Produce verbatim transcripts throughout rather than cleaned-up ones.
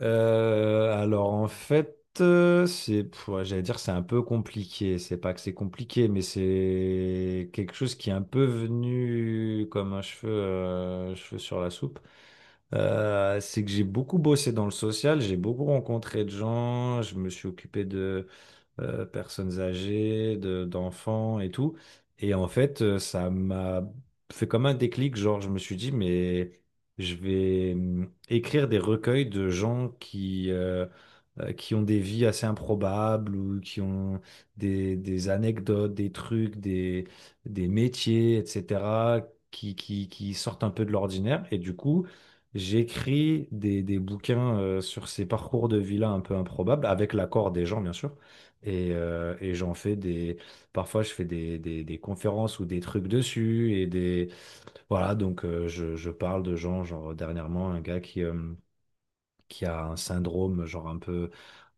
Euh, alors en fait, euh, c'est, pff, ouais, j'allais dire c'est un peu compliqué. C'est pas que c'est compliqué, mais c'est quelque chose qui est un peu venu comme un cheveu, euh, cheveu sur la soupe. Euh, c'est que j'ai beaucoup bossé dans le social, j'ai beaucoup rencontré de gens, je me suis occupé de euh, personnes âgées, de- d'enfants et tout. Et en fait, euh, ça m'a fait comme un déclic, genre je me suis dit, mais je vais hum, écrire des recueils de gens qui, euh, euh, qui ont des vies assez improbables ou qui ont des, des anecdotes, des trucs, des, des métiers, et cetera, qui, qui, qui sortent un peu de l'ordinaire. Et du coup, J'écris des, des bouquins euh, sur ces parcours de vie-là un peu improbables, avec l'accord des gens, bien sûr. Et, euh, et j'en fais des. Parfois, je fais des, des, des conférences ou des trucs dessus. Et des. Voilà, donc euh, je, je parle de gens, genre dernièrement, un gars qui, euh, qui a un syndrome, genre un peu,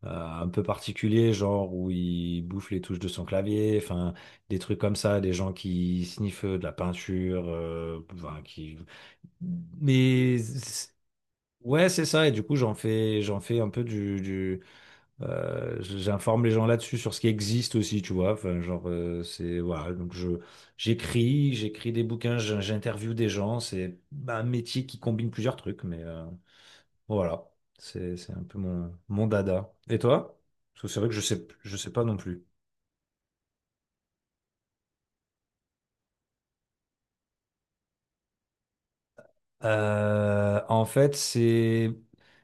euh, un peu particulier, genre où il bouffe les touches de son clavier, enfin, des trucs comme ça, des gens qui sniffent de la peinture, euh, enfin, qui. Mais. c'est- Ouais, c'est ça. Et du coup, j'en fais, j'en fais un peu du, du. Euh, J'informe les gens là-dessus sur ce qui existe aussi, tu vois. Enfin, genre, euh, c'est voilà. Donc je j'écris, j'écris des bouquins, j'in- j'interviewe des gens. C'est bah, un métier qui combine plusieurs trucs, mais euh, bon, voilà. C'est c'est un peu mon mon dada. Et toi? Parce que c'est vrai que je sais je sais pas non plus. Euh, en fait, c'est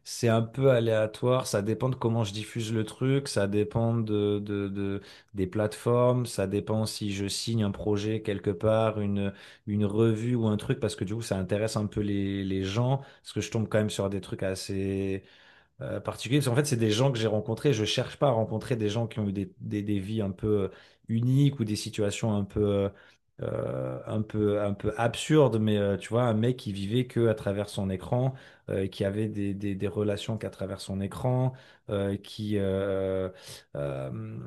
c'est un peu aléatoire. Ça dépend de comment je diffuse le truc. Ça dépend de, de, de- des plateformes. Ça dépend si je signe un projet quelque part, une une revue ou un truc, parce que du coup, ça intéresse un peu les les gens. Parce que je tombe quand même sur des trucs assez euh, particulier, parce qu'en fait, c'est des gens que j'ai rencontrés. Je cherche pas à rencontrer des gens qui ont eu des, des, des vies un peu euh, uniques ou des situations un peu, euh, euh, un peu, un peu absurdes, mais euh, tu vois, un mec qui vivait que à travers son écran, euh, qui avait des, des, des relations qu'à travers son écran, euh, qui, euh, euh, euh,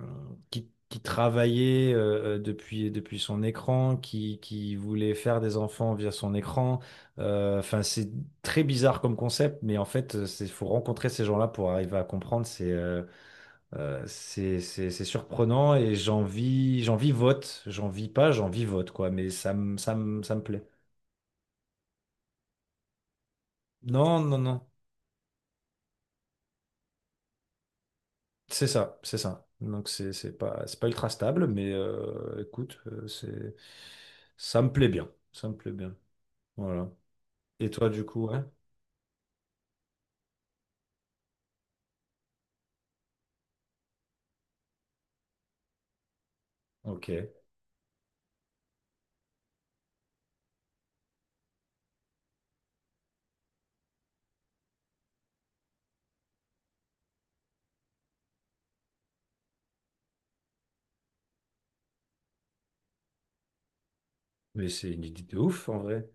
qui, qui travaillait euh, euh, depuis, depuis son écran, qui, qui voulait faire des enfants via son écran. Euh, Enfin, c'est très bizarre comme concept, mais en fait, il faut rencontrer ces gens-là pour arriver à comprendre. C'est euh, euh, c'est c'est- c'est surprenant et j'en vis, j'en vis vote. J'en vis pas, j'en vis vote, quoi. Mais ça me ça me- ça me plaît. Non, non, non. C'est ça, c'est ça. Donc, c'est c'est pas, c'est pas ultra stable, mais euh, écoute, euh, c'est, ça me plaît bien. Ça me plaît bien. Voilà. Et toi, du coup, ouais? Ok. Mais c'est une idée de ouf, en vrai.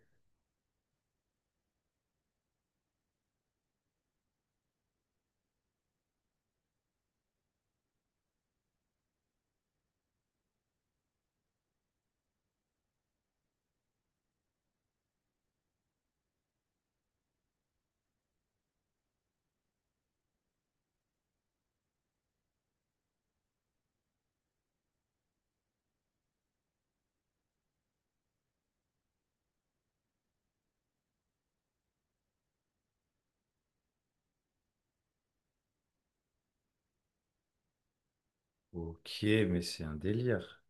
Ok, mais c'est un délire.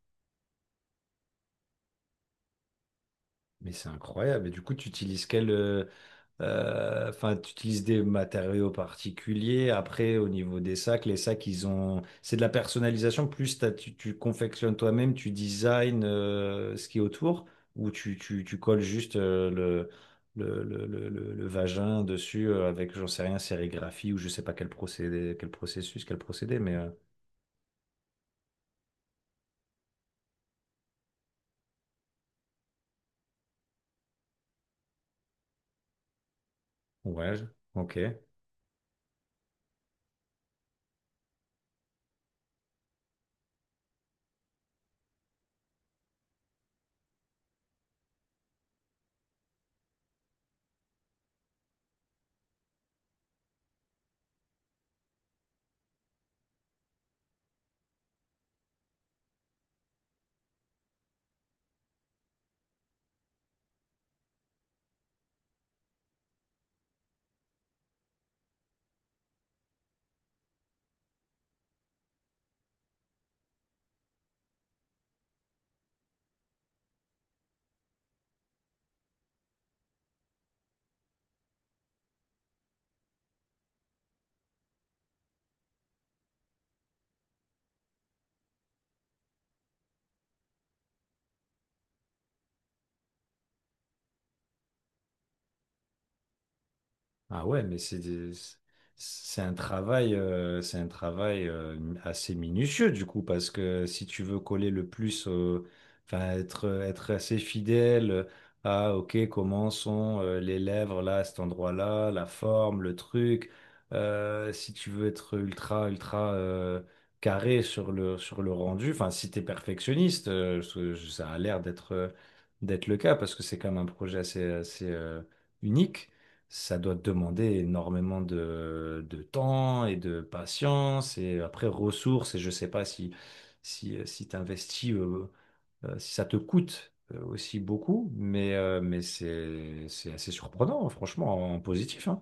Mais c'est incroyable. Et du coup, tu utilises quel, euh, Euh, Enfin, tu utilises des matériaux particuliers. Après, au niveau des sacs, les sacs, ils ont, c'est de la personnalisation. Plus t'as- tu, tu confectionnes toi-même, tu designs euh, ce qui est autour, ou tu, tu, tu colles juste euh, le, le, le, le, le- le vagin dessus euh, avec, j'en sais rien, sérigraphie ou je sais pas quel procédé, quel processus, quel procédé, mais euh, ouais, ok. Ah ouais, mais c'est des- c'est un travail, euh, c'est un travail euh, assez minutieux du coup, parce que si tu veux coller le plus, euh, enfin être être assez fidèle euh, à ok comment sont euh, les lèvres là à cet endroit-là, la forme, le truc, euh, si tu veux être ultra ultra euh, carré sur le sur le rendu, enfin si t'es perfectionniste, euh, ce- ça a l'air d'être euh, d'être le cas parce que c'est quand même un projet assez assez euh, unique ça doit te demander énormément de, de temps et de patience et après ressources et je sais pas si si euh, si t'investis euh, euh, si ça te coûte euh, aussi beaucoup mais euh, mais c'est c'est assez surprenant hein, franchement en positif hein.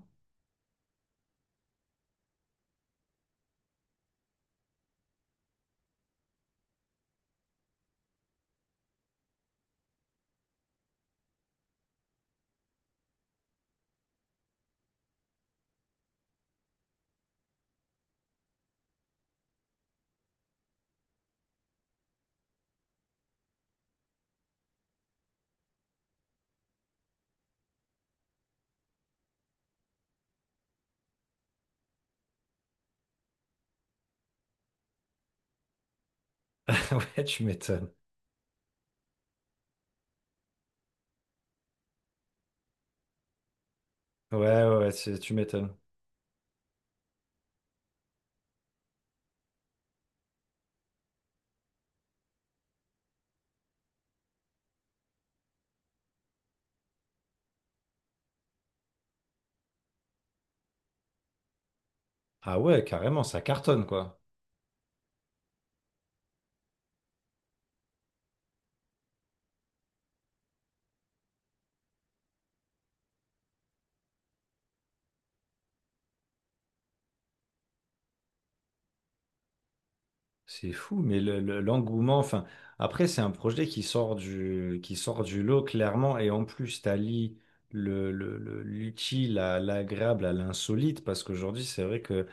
Ouais, tu m'étonnes. Ouais ouais, ouais, c'est- tu m'étonnes. Ah ouais, carrément, ça cartonne quoi. C'est fou, mais le- le- l'engouement, enfin, après, c'est un projet qui sort du, qui sort du lot, clairement, et en plus, t'allies le, le, le- l'utile à l'agréable, à l'insolite, parce qu'aujourd'hui, c'est vrai que,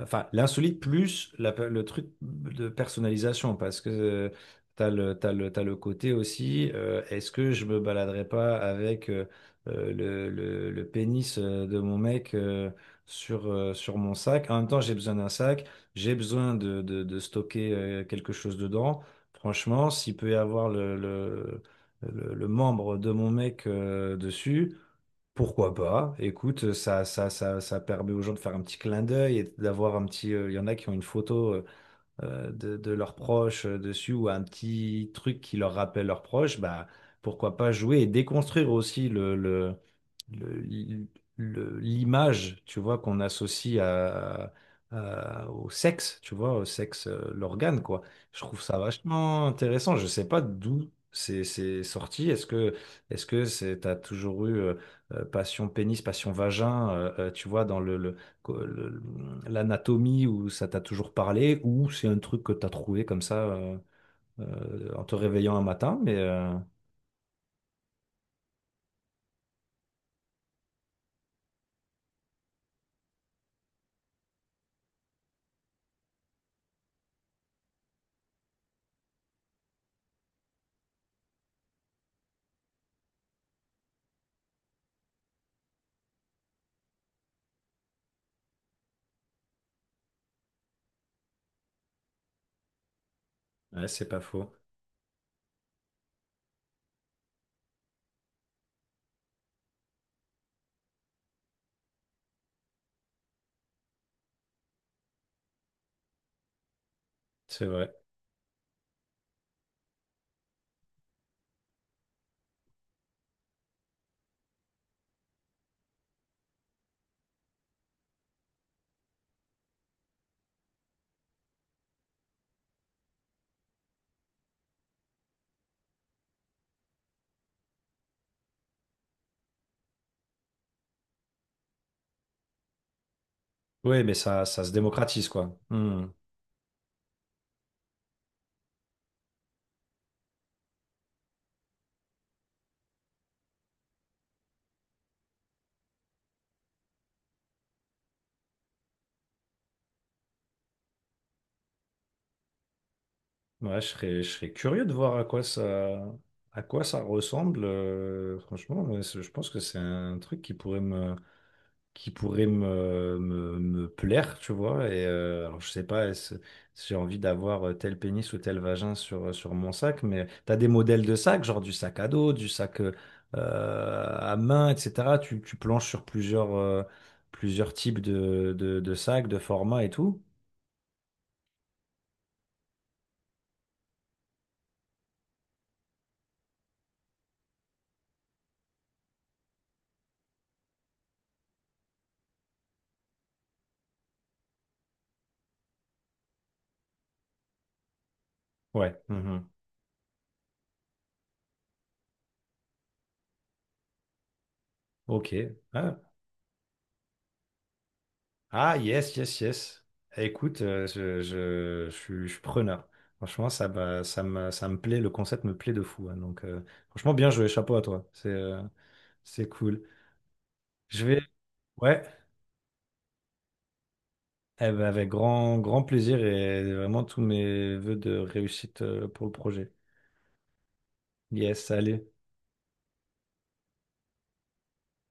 enfin, l'insolite plus la pe- le truc de personnalisation, parce que euh, t'as le, t'as le, t'as le côté aussi, euh, est-ce que je me baladerais pas avec euh, euh, le, le, le pénis euh, de mon mec euh, sur, euh, sur mon sac? En même temps, j'ai besoin d'un sac j'ai besoin de, de- de stocker euh, quelque chose dedans. Franchement, s'il peut y avoir le, le, le- le membre de mon mec euh, dessus, pourquoi pas? Écoute, ça, ça, ça, ça permet aux gens de faire un petit clin d'œil et d'avoir un petit. euh, Il y en a qui ont une photo euh, euh, de, de leurs proches euh, dessus ou un petit truc qui leur rappelle leurs proches. Bah, pourquoi pas jouer et déconstruire aussi le le le- le- l'image, tu vois, qu'on associe à, à- au sexe, tu vois, au sexe, euh, l'organe, quoi. Je trouve ça vachement intéressant. Je sais pas d'où c'est c'est sorti. Est-ce que est-ce que c'est t'as toujours eu euh, euh, passion pénis, passion vagin, euh, euh, tu vois, dans le, le- co- le- l'anatomie où ça t'a toujours parlé, ou c'est un truc que t'as trouvé comme ça euh, euh, en te réveillant un matin, mais euh, ouais, c'est pas faux. C'est vrai. Oui, mais ça, ça se démocratise, quoi. Hmm. Ouais, je serais, je serais curieux de voir à quoi ça, à quoi ça ressemble. Euh, franchement, ouais, c'est- je pense que c'est un truc qui pourrait me, qui pourrait me, me, me plaire, tu vois. Et euh, alors, je sais pas est-ce- si j'ai envie d'avoir euh, tel pénis ou tel vagin sur, euh, sur mon sac, mais tu as des modèles de sacs, genre du sac à dos, du sac euh, euh, à main, et cetera. Tu, tu planches sur plusieurs, euh, plusieurs types de, de, de sacs, de formats et tout. Ouais. Mmh. Ok. Ah, Ah, yes, yes, yes. Eh, Écoute, euh, je, je, je suis, je suis preneur. Franchement, ça, m'a- ça me, ça me plaît, le concept me plaît de fou. Hein. Donc, euh, franchement, bien joué, chapeau à toi. C'est, euh, c'est cool. Je vais, ouais, eh ben, avec grand, grand plaisir et vraiment tous mes vœux de réussite euh, pour le projet. Yes, allez.